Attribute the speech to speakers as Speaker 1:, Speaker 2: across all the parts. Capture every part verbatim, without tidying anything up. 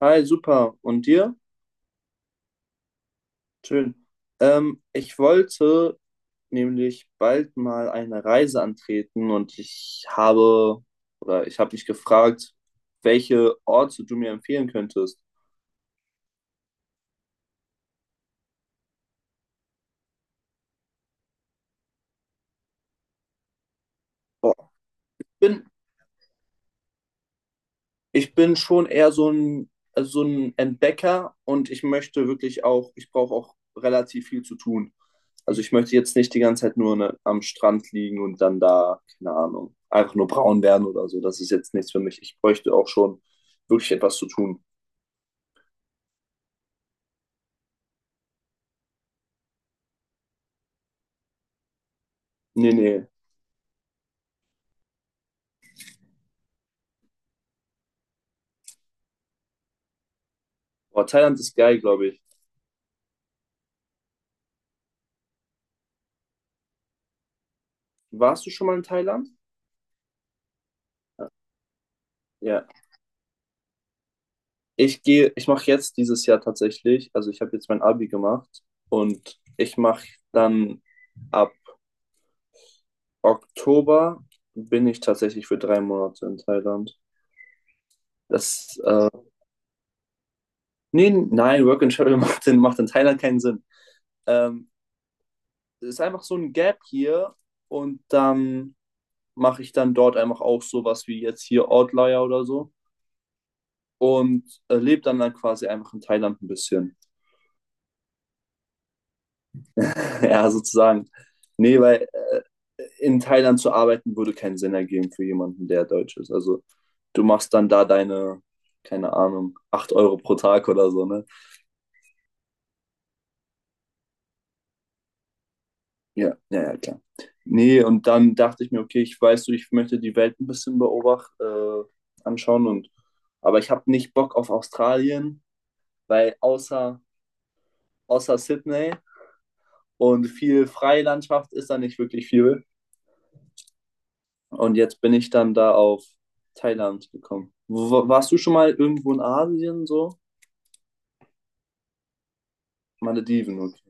Speaker 1: Hi, super. Und dir? Schön. Ähm, ich wollte nämlich bald mal eine Reise antreten, und ich habe oder ich habe mich gefragt, welche Orte du mir empfehlen könntest. Boah. Bin Ich bin schon eher so ein äh, so ein Entdecker, und ich möchte wirklich auch ich brauche auch relativ viel zu tun. Also, ich möchte jetzt nicht die ganze Zeit nur, ne, am Strand liegen und dann da, keine Ahnung, einfach nur braun werden oder so. Das ist jetzt nichts für mich. Ich bräuchte auch schon wirklich etwas zu tun. Ne, ne. Boah, Thailand ist geil, glaube ich. Warst du schon mal in Thailand? Ja. Ja. Ich gehe ich mache jetzt dieses Jahr tatsächlich, also, ich habe jetzt mein Abi gemacht, und ich mache dann ab Oktober bin ich tatsächlich für drei Monate in Thailand. Das, äh, Nee, nein, Work and Travel macht in, macht in Thailand keinen Sinn. Ähm, Es ist einfach so ein Gap hier, und dann mache ich dann dort einfach auch sowas wie jetzt hier Outlier oder so, und äh, lebe dann, dann quasi einfach in Thailand ein bisschen. Ja, sozusagen. Nee, weil äh, in Thailand zu arbeiten würde keinen Sinn ergeben für jemanden, der Deutsch ist. Also du machst dann da deine, keine Ahnung, acht Euro pro Tag oder so, ne? Ja, ja, ja, klar. Nee, und dann dachte ich mir, okay, ich weiß du, ich möchte die Welt ein bisschen beobachten, äh, anschauen, und aber ich habe nicht Bock auf Australien, weil außer, außer Sydney und viel Freilandschaft ist da nicht wirklich viel. Und jetzt bin ich dann da auf Thailand gekommen. Wo- Warst du schon mal irgendwo in Asien so? Malediven, okay.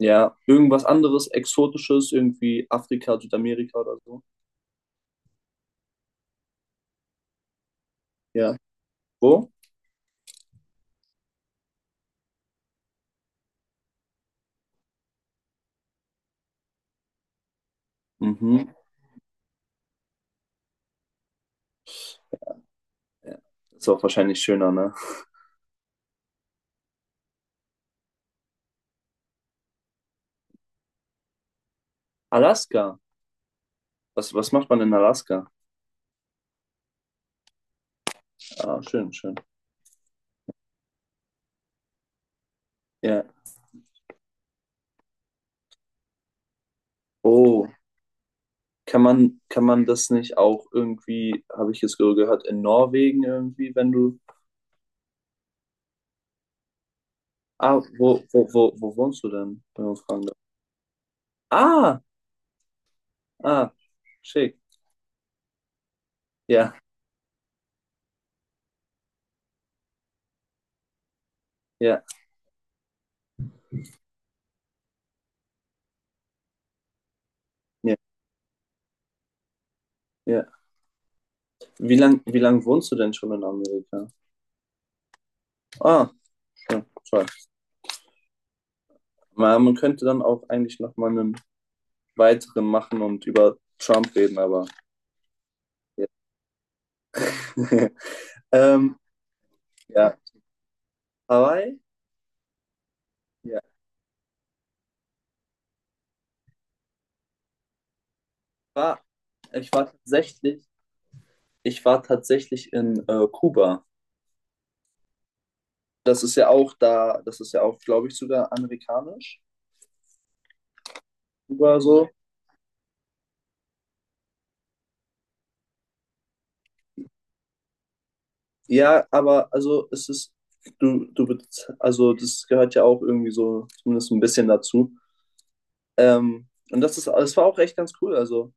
Speaker 1: Ja, irgendwas anderes, Exotisches, irgendwie Afrika, Südamerika oder so. Ja. Wo? Mhm. Ist auch wahrscheinlich schöner, ne? Alaska. Was, was macht man in Alaska? Ah, schön, schön. Ja. Oh, kann man, kann man das nicht auch irgendwie, habe ich jetzt ge- gehört, in Norwegen irgendwie, wenn du. Ah, wo, wo, wo, wo wohnst du denn, wenn man fragen darf? Ah, ah, schick. Ja, ja, ja, ja. Wie lang, wie lang wohnst du denn schon in Amerika? Ah, ja, toll. Man man könnte dann auch eigentlich noch mal einen weiteren machen und über Trump reden, aber ja. Ähm, ja. Hawaii? Ja. War, ich war tatsächlich, ich war tatsächlich in äh, Kuba. Das ist ja auch da, das ist ja auch, glaube ich, sogar amerikanisch. Kuba so. Ja, aber also es ist, du, du, bez- also das gehört ja auch irgendwie so zumindest ein bisschen dazu. Ähm, und das ist, das war auch echt ganz cool. Also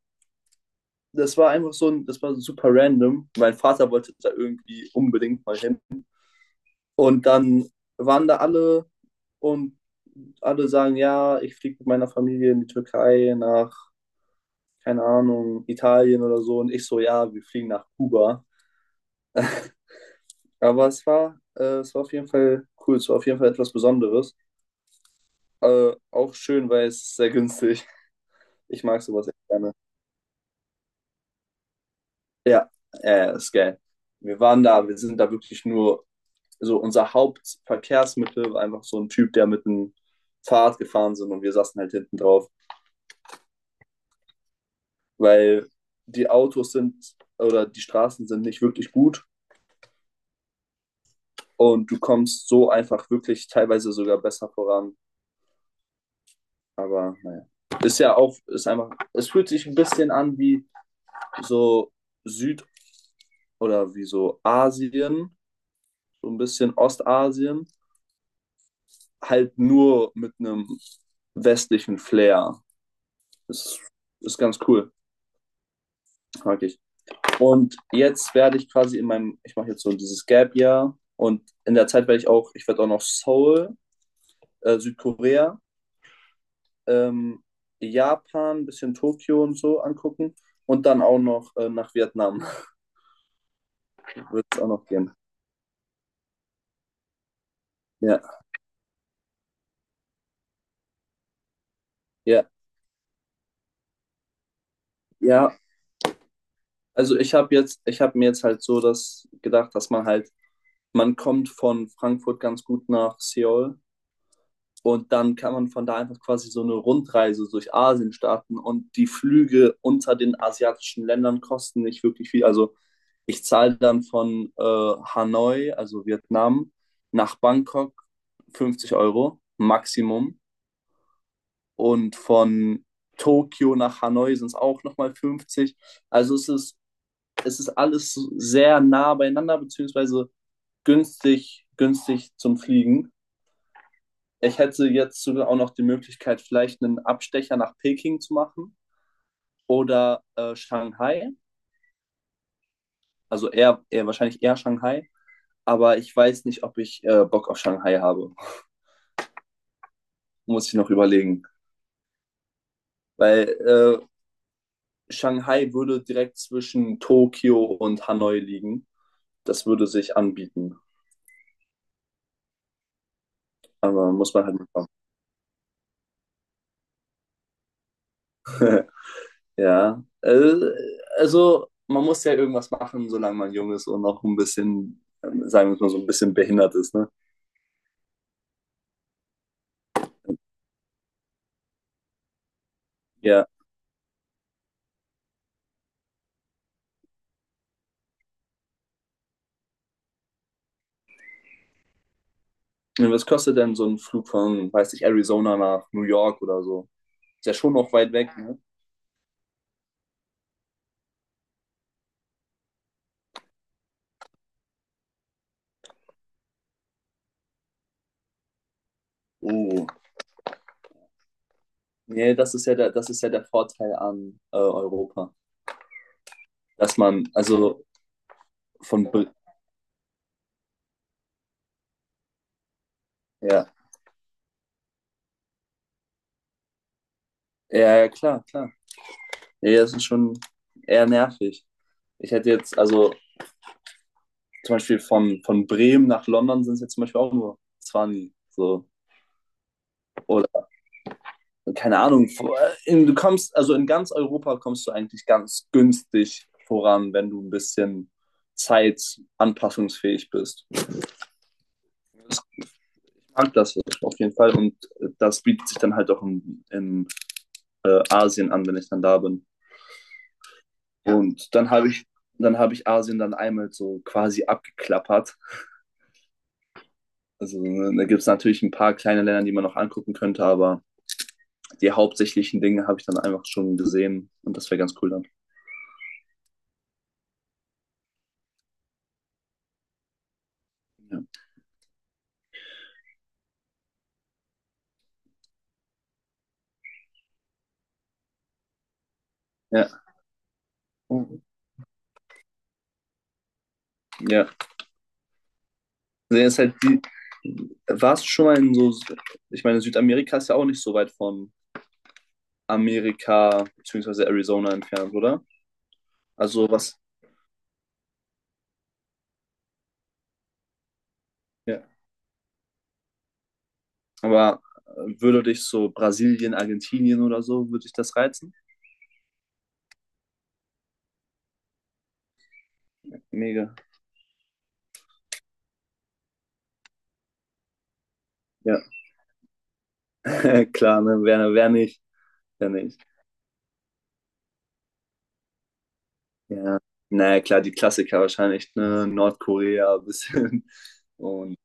Speaker 1: das war einfach so, ein, das war super random. Mein Vater wollte da irgendwie unbedingt mal hin. Und dann waren da alle, und alle sagen, ja, ich fliege mit meiner Familie in die Türkei nach, keine Ahnung, Italien oder so. Und ich so, ja, wir fliegen nach Kuba. Aber es war, äh, es war auf jeden Fall cool. Es war auf jeden Fall etwas Besonderes. Äh, auch schön, weil es ist sehr günstig. Ich mag sowas echt gerne. Ja, äh, ist geil. Wir waren da, wir sind da wirklich nur, so unser Hauptverkehrsmittel war einfach so ein Typ, der mit einem Fahrrad gefahren sind, und wir saßen halt hinten drauf, weil die Autos sind oder die Straßen sind nicht wirklich gut, und du kommst so einfach wirklich teilweise sogar besser voran. Aber naja, ist ja auch, ist einfach, es fühlt sich ein bisschen an wie so Süd- oder wie so Asien, so ein bisschen Ostasien, halt nur mit einem westlichen Flair. Das ist, ist ganz cool, mag ich. Und jetzt werde ich quasi in meinem, ich mache jetzt so dieses Gap-Jahr, und in der Zeit werde ich auch, ich werde auch noch Seoul, äh, Südkorea, ähm, Japan, ein bisschen Tokio und so angucken, und dann auch noch äh, nach Vietnam. Wird es auch noch gehen. Ja, ja, ja. Also ich habe jetzt, ich habe mir jetzt halt so das gedacht, dass man halt, man kommt von Frankfurt ganz gut nach Seoul, und dann kann man von da einfach quasi so eine Rundreise durch Asien starten, und die Flüge unter den asiatischen Ländern kosten nicht wirklich viel. Also ich zahle dann von äh, Hanoi, also Vietnam, nach Bangkok fünfzig Euro Maximum, und von Tokio nach Hanoi sind es auch nochmal fünfzig. Also es ist, es ist alles sehr nah beieinander, beziehungsweise günstig, günstig zum Fliegen. Ich hätte jetzt sogar auch noch die Möglichkeit, vielleicht einen Abstecher nach Peking zu machen oder äh, Shanghai. Also eher, eher wahrscheinlich eher Shanghai. Aber ich weiß nicht, ob ich äh, Bock auf Shanghai habe. Muss ich noch überlegen. Weil äh, Shanghai würde direkt zwischen Tokio und Hanoi liegen. Das würde sich anbieten. Aber muss man halt mitmachen. Ja. Äh, also man muss ja irgendwas machen, solange man jung ist und noch ein bisschen, äh, sagen wir mal, so ein bisschen behindert ist. Ne? Ja, ja. Was kostet denn so ein Flug von, weiß ich, Arizona nach New York oder so? Ist ja schon noch weit weg, ne? Oh. Nee, das ist ja der, das ist ja der Vorteil an äh, Europa. Dass man, also von, Br- ja. Ja, ja, klar, klar. Nee, das ist schon eher nervig. Ich hätte jetzt, also zum Beispiel von, von Bremen nach London sind es jetzt zum Beispiel auch nur zwanzig, so. Oder keine Ahnung, du kommst, also in ganz Europa kommst du eigentlich ganz günstig voran, wenn du ein bisschen zeitanpassungsfähig bist. Ich mag das auf jeden Fall, und das bietet sich dann halt auch in, in äh, Asien an, wenn ich dann da bin. Und dann habe ich, dann habe ich Asien dann einmal so quasi abgeklappert. Also ne, da gibt es natürlich ein paar kleine Länder, die man noch angucken könnte, aber die hauptsächlichen Dinge habe ich dann einfach schon gesehen, und das wäre ganz cool dann. Ja. Ja. Ja. Der ist halt die. Warst du schon mal in so, ich meine, Südamerika ist ja auch nicht so weit von Amerika bzw. Arizona entfernt, oder? Also was, ja. Aber äh, würde dich so Brasilien, Argentinien oder so, würde dich das reizen? Mega. Ja, klar, ne? Wer, wer nicht? Wer nicht? Ja. Naja, klar, die Klassiker wahrscheinlich, ne? Nordkorea ein bisschen. Und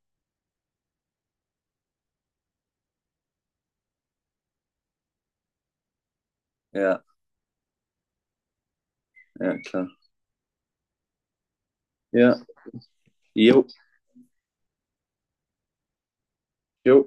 Speaker 1: ja, ja, klar. Ja. Jo. Jo.